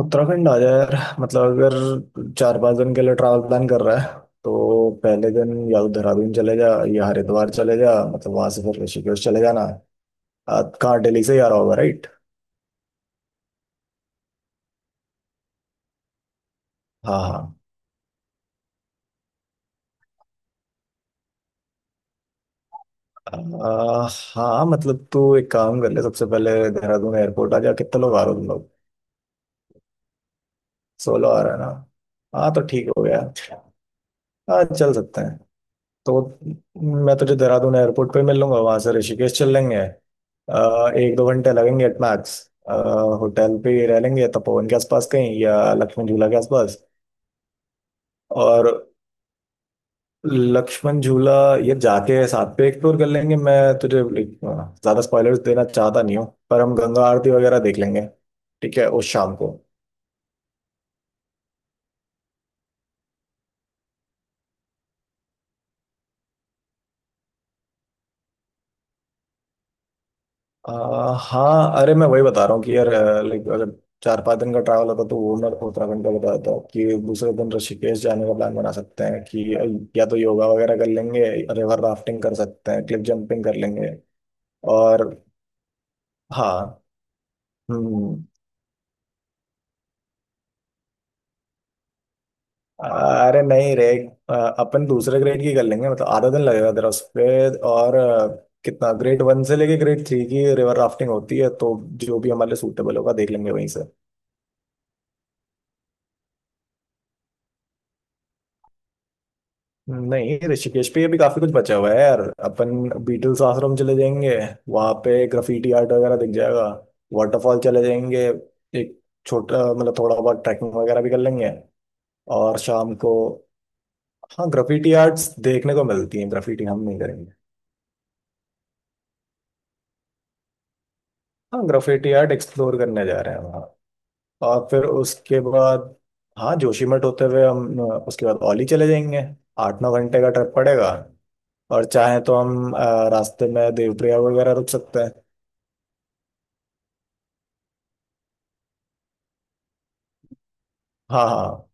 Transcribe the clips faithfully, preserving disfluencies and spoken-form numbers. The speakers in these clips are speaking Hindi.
उत्तराखंड आ जाए यार। मतलब अगर चार पांच दिन के लिए ट्रैवल प्लान कर रहा है तो पहले दिन या तो देहरादून चले जा या हरिद्वार चले जा। मतलब वहां से फिर ऋषिकेश चले जाना। आ, कहाँ, दिल्ली से ही आ रहा होगा राइट? हाँ हाँ। आ, हाँ मतलब तू एक काम कर ले, सबसे पहले देहरादून एयरपोर्ट आ जा। कितने लोग आ रहे हो तुम लोग? सोलह आ रहे हैं ना? हाँ तो ठीक हो गया। हाँ चल सकते हैं। तो मैं तुझे देहरादून एयरपोर्ट पे मिल लूंगा, वहां से ऋषिकेश चल लेंगे। अ, एक दो घंटे लगेंगे एट मैक्स। होटल पे ही रह लेंगे, तपोवन के आसपास कहीं या लक्ष्मण झूला के आसपास। और लक्ष्मण झूला ये जाके साथ पे एक्सप्लोर कर लेंगे। मैं तुझे like, अ, ज्यादा स्पॉयलर्स देना चाहता नहीं हूँ पर हम गंगा आरती वगैरह देख लेंगे ठीक है उस शाम को। आ, हाँ अरे मैं वही बता रहा हूँ कि यार लाइक अगर चार पाँच दिन का ट्रैवल होता तो वो मैं उत्तराखंड का बता देता हूँ कि दूसरे दिन ऋषिकेश जाने का प्लान बना सकते हैं कि या तो योगा वगैरह कर लेंगे, रिवर राफ्टिंग कर सकते हैं, क्लिफ जंपिंग कर लेंगे। और हाँ। हम्म। अरे नहीं रे। अ, अपन दूसरे ग्रेड की कर लेंगे, मतलब आधा दिन लगेगा तेरा उस पे। और अ, कितना, ग्रेड वन से लेके ग्रेड थ्री की रिवर राफ्टिंग होती है तो जो भी हमारे लिए सूटेबल होगा देख लेंगे वहीं। नहीं, ऋषिकेश पे भी काफी कुछ बचा हुआ है यार। अपन बीटल्स आश्रम चले जाएंगे, वहां पे ग्राफिटी आर्ट वगैरह दिख जाएगा, वाटरफॉल चले जाएंगे। एक छोटा मतलब थोड़ा बहुत ट्रैकिंग वगैरह भी कर लेंगे। और शाम को। हाँ ग्राफिटी आर्ट्स देखने को मिलती हैं, ग्राफिटी हम नहीं करेंगे। हाँ ग्राफिटी आर्ट एक्सप्लोर करने जा रहे हैं वहाँ। और फिर उसके बाद हाँ, जोशीमठ होते हुए हम अ, उसके बाद औली चले जाएंगे। आठ नौ घंटे का ट्रिप पड़ेगा। और चाहे तो हम अ, रास्ते में देवप्रयाग वगैरह रुक सकते हैं। हाँ हाँ।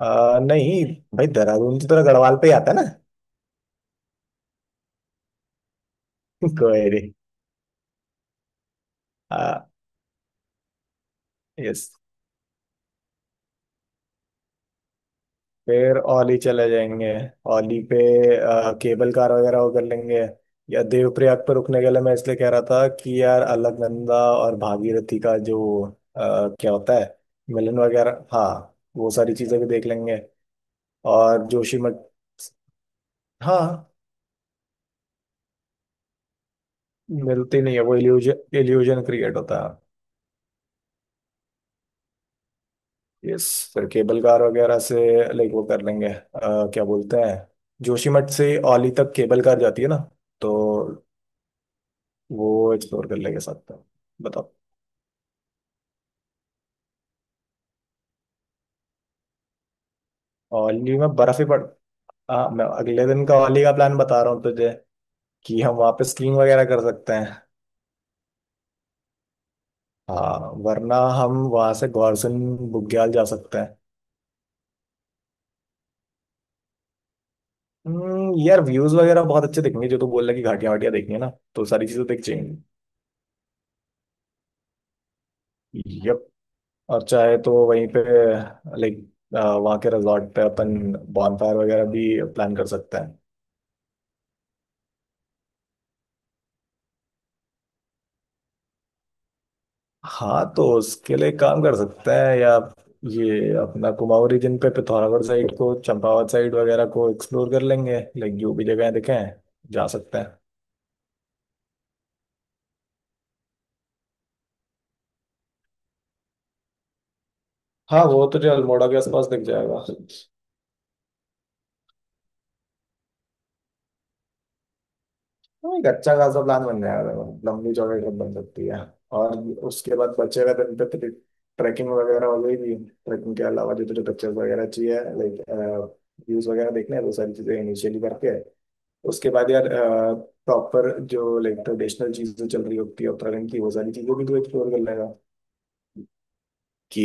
अ, नहीं भाई, देहरादून से तो गढ़वाल पे ही आता है ना। कोई नहीं। हाँ। यस। फिर औली चले जाएंगे। औली पे अ, केबल कार वगैरह वो कर लेंगे। या देवप्रयाग पर रुकने के लिए मैं इसलिए कह रहा था कि यार अलकनंदा और भागीरथी का जो अ, क्या होता है, मिलन वगैरह, हाँ वो सारी चीजें भी देख लेंगे। और जोशीमठ। हाँ मिलती नहीं है वो, इल्यूजन इल्यूजन क्रिएट होता है। यस। फिर केबल कार वगैरह से लाइक वो कर लेंगे अ, क्या बोलते हैं, जोशीमठ से औली तक केबल कार जाती है ना। तो वो एक्सप्लोर कर लेंगे साथ में। बताओ। औली में बर्फ ही पड़। हाँ मैं अगले दिन का औली का प्लान बता रहा हूँ तुझे कि हम वहाँ पे स्कीइंग वगैरह कर सकते हैं। हाँ वरना हम वहाँ से गौरसन बुग्याल जा सकते हैं। हम्म, यार व्यूज वगैरह बहुत अच्छे दिखेंगे। जो तू बोल रहा है कि घाटियां वाटियां देखनी है ना, तो सारी चीजें दिख जाएंगी। यप। और चाहे तो वहीं पे लाइक वहाँ के रिजॉर्ट पे अपन बॉनफायर वगैरह भी प्लान कर सकते हैं। हाँ तो उसके लिए काम कर सकते हैं, या ये अपना कुमाऊं रीजन पे पिथौरागढ़ साइड को, चंपावत साइड वगैरह को एक्सप्लोर कर लेंगे, लाइक जो भी जगह दिखे जा सकते हैं। हाँ वो तो जो अल्मोड़ा के आसपास दिख जाएगा। तो एक अच्छा खासा प्लान बन जाएगा, लंबी चौड़ी ट्रिप बन सकती है। और उसके बाद बचे हुए दिन पे ट्रैकिंग वगैरह हो जाएगी। ट्रैकिंग के अलावा जो जो पिक्चर्स वगैरह चाहिए लाइक व्यूज वगैरह देखने हैं, वो सारी चीजें इनिशियली करके उसके बाद यार प्रॉपर जो लाइक ट्रेडिशनल चीजें चल रही होती है उत्तराखंड की, वो सारी चीजें भी तो एक्सप्लोर कर लेगा। कि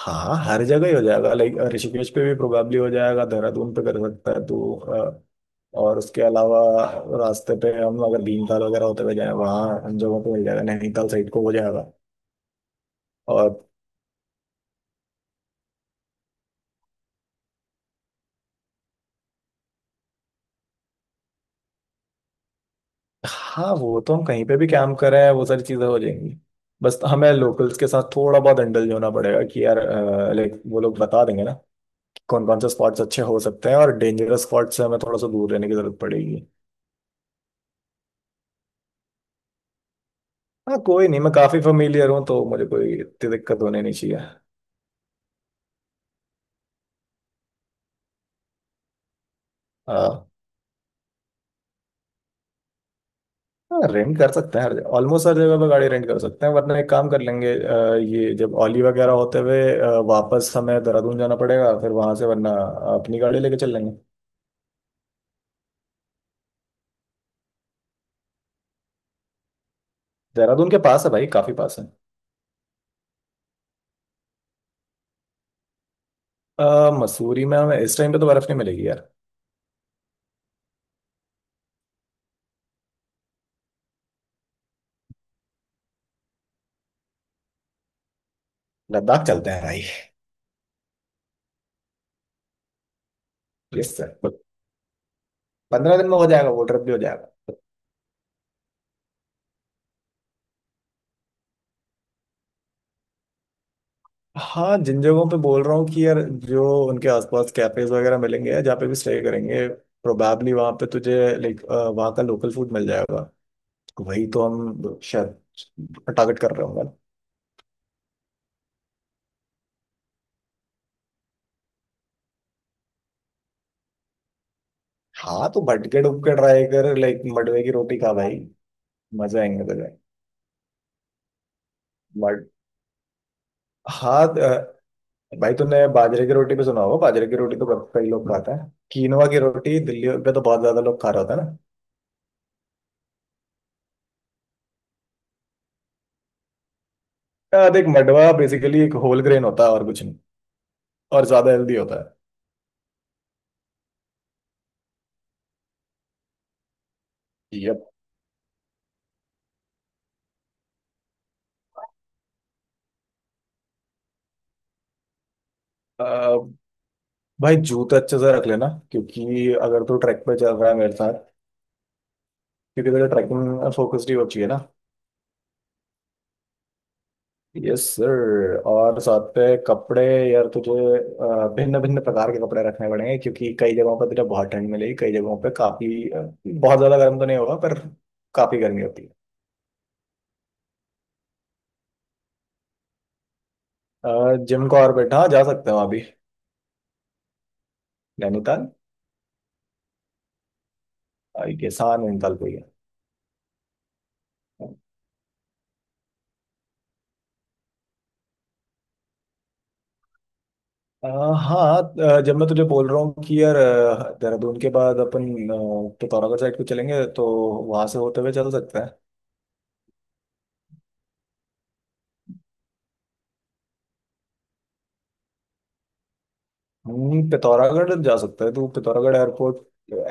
हाँ, हर जगह ही हो जाएगा। लाइक ऋषिकेश पे भी प्रोबेबली हो जाएगा, देहरादून पे कर सकता है तो अ, और उसके अलावा रास्ते पे हम अगर भीमताल वगैरह होते हुए जाए, वहाँ हम जगहों पे मिल जाएगा, नैनीताल साइड को हो जाएगा। और हाँ वो तो हम कहीं पे भी कैंप कर रहे हैं, वो सारी चीजें हो जाएंगी। बस हमें लोकल्स के साथ थोड़ा बहुत इंडल्ज होना पड़ेगा कि यार लाइक वो लोग बता देंगे ना कौन कौन से स्पॉट्स अच्छे हो सकते हैं, और डेंजरस स्पॉट्स से हमें थोड़ा सा दूर रहने की जरूरत पड़ेगी। हाँ कोई नहीं, मैं काफी फेमिलियर हूँ तो मुझे कोई इतनी दिक्कत होने नहीं चाहिए। हाँ। हाँ रेंट कर सकते हैं, ऑलमोस्ट हर जगह पर गाड़ी रेंट कर सकते हैं। वरना एक काम कर लेंगे, अ, ये जब औली वगैरह होते हुए अ, वापस हमें देहरादून जाना पड़ेगा, फिर वहां से वरना अपनी गाड़ी लेके चल लेंगे। देहरादून के पास है भाई, काफी पास है। अ, मसूरी में हमें इस टाइम पे तो बर्फ नहीं मिलेगी यार। लद्दाख चलते हैं भाई। Yes sir. पंद्रह दिन में हो जाएगा, वो ट्रिप भी हो जाएगा। हाँ जिन जगहों पे बोल रहा हूँ कि यार जो उनके आसपास कैफेज वगैरह मिलेंगे जहाँ पे भी स्टे करेंगे, प्रोबेबली वहाँ पे तुझे लाइक वहाँ का लोकल फूड मिल जाएगा। वही तो हम शायद टारगेट कर रहे होंगे ना। हाँ तो भटके डुबके ट्राई कर, लाइक मडवे की रोटी खा भाई। मजा आएंगे तुझे। बट हाँ। अ, भाई तूने बाजरे की रोटी पे सुना होगा, बाजरे की रोटी तो बहुत कई लोग खाते हैं, कीनवा की रोटी दिल्ली पे तो बहुत ज्यादा लोग खा रहे होते हैं। ना अ, देख मडवा बेसिकली एक होल ग्रेन होता है और कुछ नहीं, और ज्यादा हेल्दी होता है। यप। अ, भाई जूते अच्छे से रख लेना, क्योंकि अगर तू ट्रैक पे चल रहा है मेरे साथ, क्योंकि तुझे ट्रैकिंग फोकस्ड ही वो चाहिए ना। Yes sir. और साथ पे कपड़े, यार तुझे भिन्न भिन्न प्रकार के कपड़े रखने पड़ेंगे क्योंकि कई जगहों पर तुझे बहुत ठंड मिलेगी, कई जगहों पे काफी अ, बहुत ज्यादा गर्म तो नहीं होगा पर काफी गर्मी होती है। जिम को और बैठा जा सकते हो अभी। नैनीताल। आई गेस हाँ, नैनीताल को ही है। अ, हाँ अ, जब मैं तुझे बोल रहा हूँ कि यार, अ, देहरादून के बाद अपन अ, पिथौरागढ़ साइड को चलेंगे, तो वहां से होते हुए चल सकते हैं। हम्म, पिथौरागढ़ जा सकता है तू, पिथौरागढ़ एयरपोर्ट,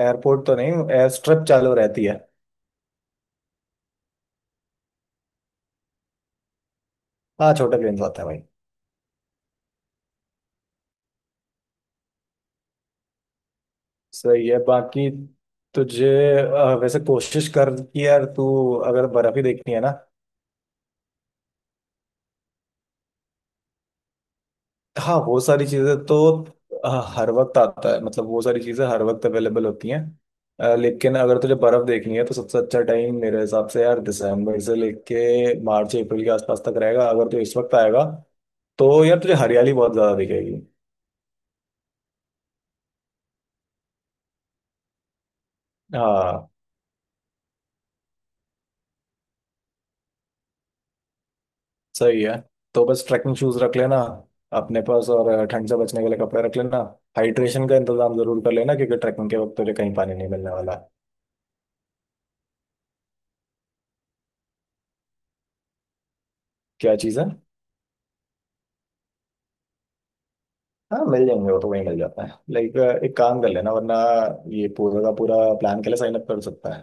एयरपोर्ट तो नहीं, एयर स्ट्रिप चालू रहती है। हाँ छोटे प्लेन आते हैं भाई। सही है। बाकी तुझे अ, वैसे कोशिश कर कि यार तू अगर बर्फ ही देखनी है ना। हाँ वो सारी चीजें तो अ, हर वक्त आता है, मतलब वो सारी चीजें हर वक्त अवेलेबल होती हैं। अ, लेकिन अगर तुझे बर्फ देखनी है तो सबसे अच्छा टाइम मेरे हिसाब से यार दिसंबर से लेके मार्च अप्रैल के आसपास तक रहेगा। अगर तू इस वक्त आएगा तो यार तुझे हरियाली बहुत ज्यादा दिखेगी। हाँ सही है। तो बस ट्रैकिंग शूज रख लेना अपने पास, और ठंड से बचने के लिए कपड़े रख लेना। हाइड्रेशन का इंतजाम जरूर कर लेना क्योंकि ट्रैकिंग के वक्त तुझे कहीं पानी नहीं मिलने वाला। क्या चीज़ है? हाँ मिल जाएंगे वो तो, वहीं मिल जाता है। लाइक एक काम कर लेना वरना, ये पूरा का पूरा प्लान के लिए साइन अप कर सकता है।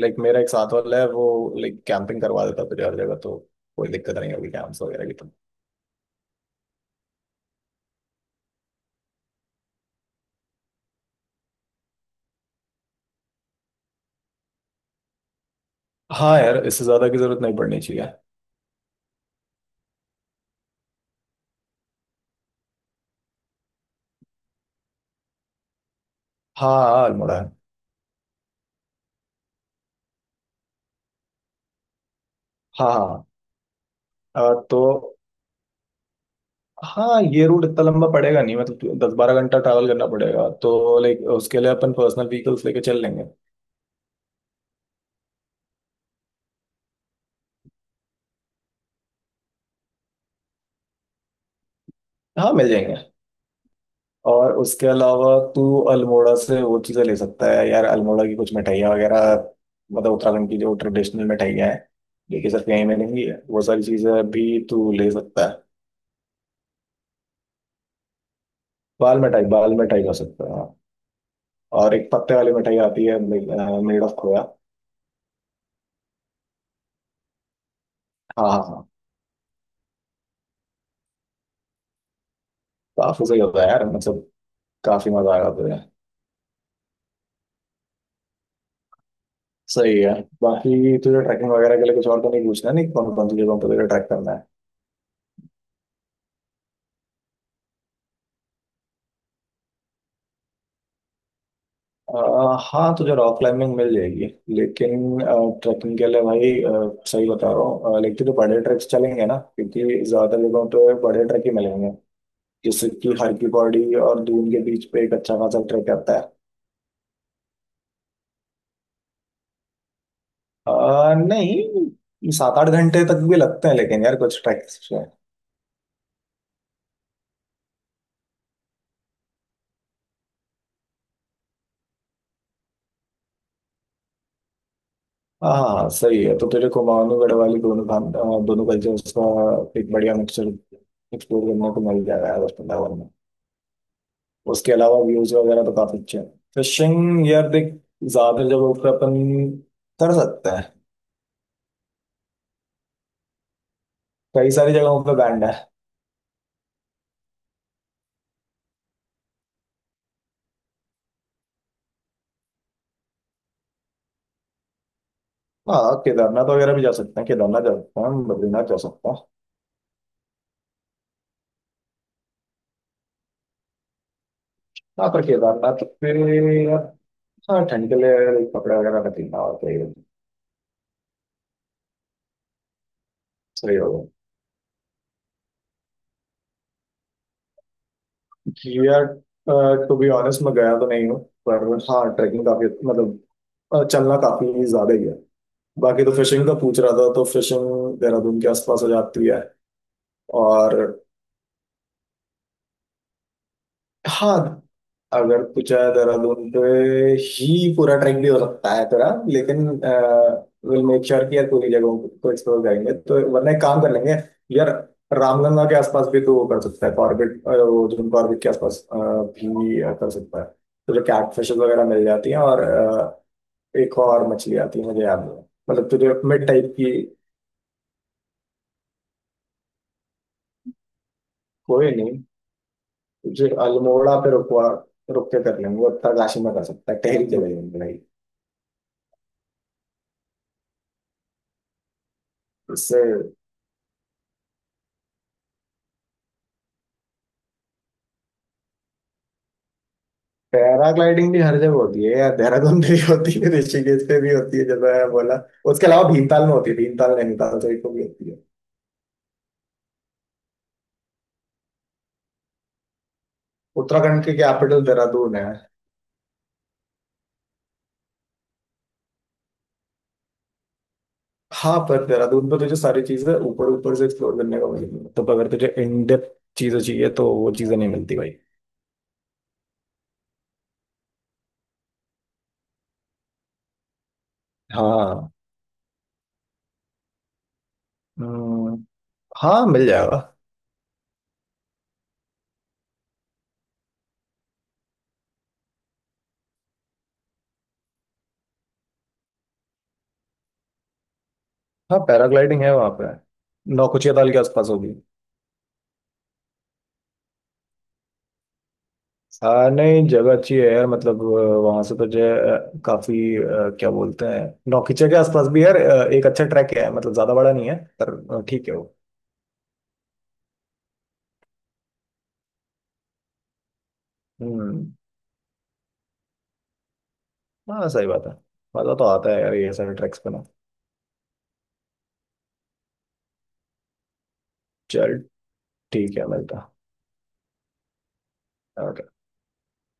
लाइक मेरा एक साथ वाला है वो, लाइक कैंपिंग करवा देता है तुझे हर जगह, तो कोई दिक्कत नहीं होगी कैंप्स वगैरह की तो। हाँ यार, इससे ज्यादा की जरूरत नहीं पड़नी चाहिए। हाँ हाँ अल्मोड़ा है। हाँ हाँ। अ, तो हाँ, ये रूट इतना लंबा पड़ेगा नहीं, मतलब दस बारह घंटा ट्रैवल करना पड़ेगा तो लाइक उसके लिए अपन पर्सनल व्हीकल्स लेके चल लेंगे। हाँ मिल जाएंगे। और उसके अलावा तू अल्मोड़ा से वो चीज़ें ले सकता है यार, अल्मोड़ा की कुछ मिठाइयाँ वगैरह, मतलब उत्तराखंड की जो ट्रेडिशनल मिठाइयाँ हैं, लेकिन सिर्फ यहीं मिलेंगी, वो सारी चीज़ें भी तू ले सकता है। बाल मिठाई, बाल मिठाई खा सकता है हाँ। और एक पत्ते वाली मिठाई आती है, मेड ऑफ खोया। हाँ हाँ हाँ। काफी सही होता है यार, मतलब काफी मजा आएगा तुझे। सही है। बाकी तुझे ट्रैकिंग वगैरह के लिए कुछ और तो नहीं पूछना है, नहीं, कौन कौन सी जगहों पर तुझे ट्रैक करना है? आ, हाँ तुझे रॉक क्लाइंबिंग मिल जाएगी। लेकिन ट्रैकिंग के लिए भाई अ, सही बता रहा हूँ अ, लेकिन तो बड़े ट्रैक्स चलेंगे ना, क्योंकि ज्यादा जगहों पे बड़े ट्रैक ही मिलेंगे। जैसे कि हर की पौड़ी और दून के बीच पे एक अच्छा खासा ट्रैक आता है। अ, नहीं, सात आठ घंटे तक भी लगते हैं लेकिन यार कुछ ट्रैक्स। हाँ हाँ सही है। तो तेरे को मानवगढ़ वाली दोनों खान अ, दोनों कल्चर्स का एक बढ़िया मिक्सचर एक्सप्लोर करने को मिल जाएगा यार उस वृंदावन में। उसके अलावा व्यूज वगैरह तो काफी अच्छे हैं। फिशिंग यार देख, ज्यादा जगहों पे अपन कर सकते हैं। कई सारी जगहों पे बैंड है। हाँ केदारनाथ वगैरह भी जा सकते हैं, केदारनाथ जा सकते हैं, बद्रीनाथ जा सकते हैं। हाँ पर केदारनाथ पे यार, हाँ ठंड के लिए यार एक कपड़े वगैरह रख लेना। और सही होगा यार। टू बी ऑनेस्ट मैं गया तो नहीं हूँ, पर हाँ ट्रैकिंग काफी मतलब अ, चलना काफी ज्यादा ही है। बाकी तो फिशिंग का पूछ रहा था, तो फिशिंग देहरादून के आसपास हो जाती है। और हाँ अगर पूछा है देहरादून पे ही पूरा ट्रैक भी हो सकता है तेरा। लेकिन विल मेक श्योर कि यार पूरी जगहों को एक्सप्लोर करेंगे, तो वरना एक काम कर लेंगे यार, रामगंगा के आसपास भी तो वो कर सकता है, कॉर्बेट अ, वो जो कॉर्बेट के आसपास अ, भी अ, कर सकता है। तो जो कैटफिशेस वगैरह मिल जाती हैं, और अ, एक और मछली आती है मुझे याद नहीं, मतलब तुझे मिड टाइप की। कोई नहीं, तुझे अल्मोड़ा पे रुकवा रुक के कर लेंगे वो, उत्तरकाशी में कर सकता है, टहरी चले जाएंगे भाई। इससे पैराग्लाइडिंग भी हर जगह होती है यार, देहरादून में भी होती है, ऋषिकेश पे भी होती है जब मैं बोला। उसके अलावा भीमताल में होती है, भीमताल नैनीताल साइड को भी होती है। उत्तराखंड की कैपिटल देहरादून है। हाँ पर देहरादून पे तुझे सारी चीजें ऊपर ऊपर से एक्सप्लोर करने को मिलेगी, तो अगर तुझे इन डेप्थ चीजें चाहिए तो वो चीजें नहीं मिलती भाई। हाँ। हम्म, हाँ मिल जाएगा। हाँ पैराग्लाइडिंग है वहां पे, नौकुचिया ताल के आसपास होगी। हाँ नहीं जगह अच्छी है यार, मतलब वहां से तो जो है अ, काफी अ, क्या बोलते हैं, नौकीचे के आसपास भी यार अ, एक अच्छा ट्रैक है, मतलब ज्यादा बड़ा नहीं है पर अ, ठीक है वो। हम्म। हाँ सही बात है। मजा तो आता है यार ये सारे ट्रैक्स पे ना। चल ठीक है, मिलता है। Okay.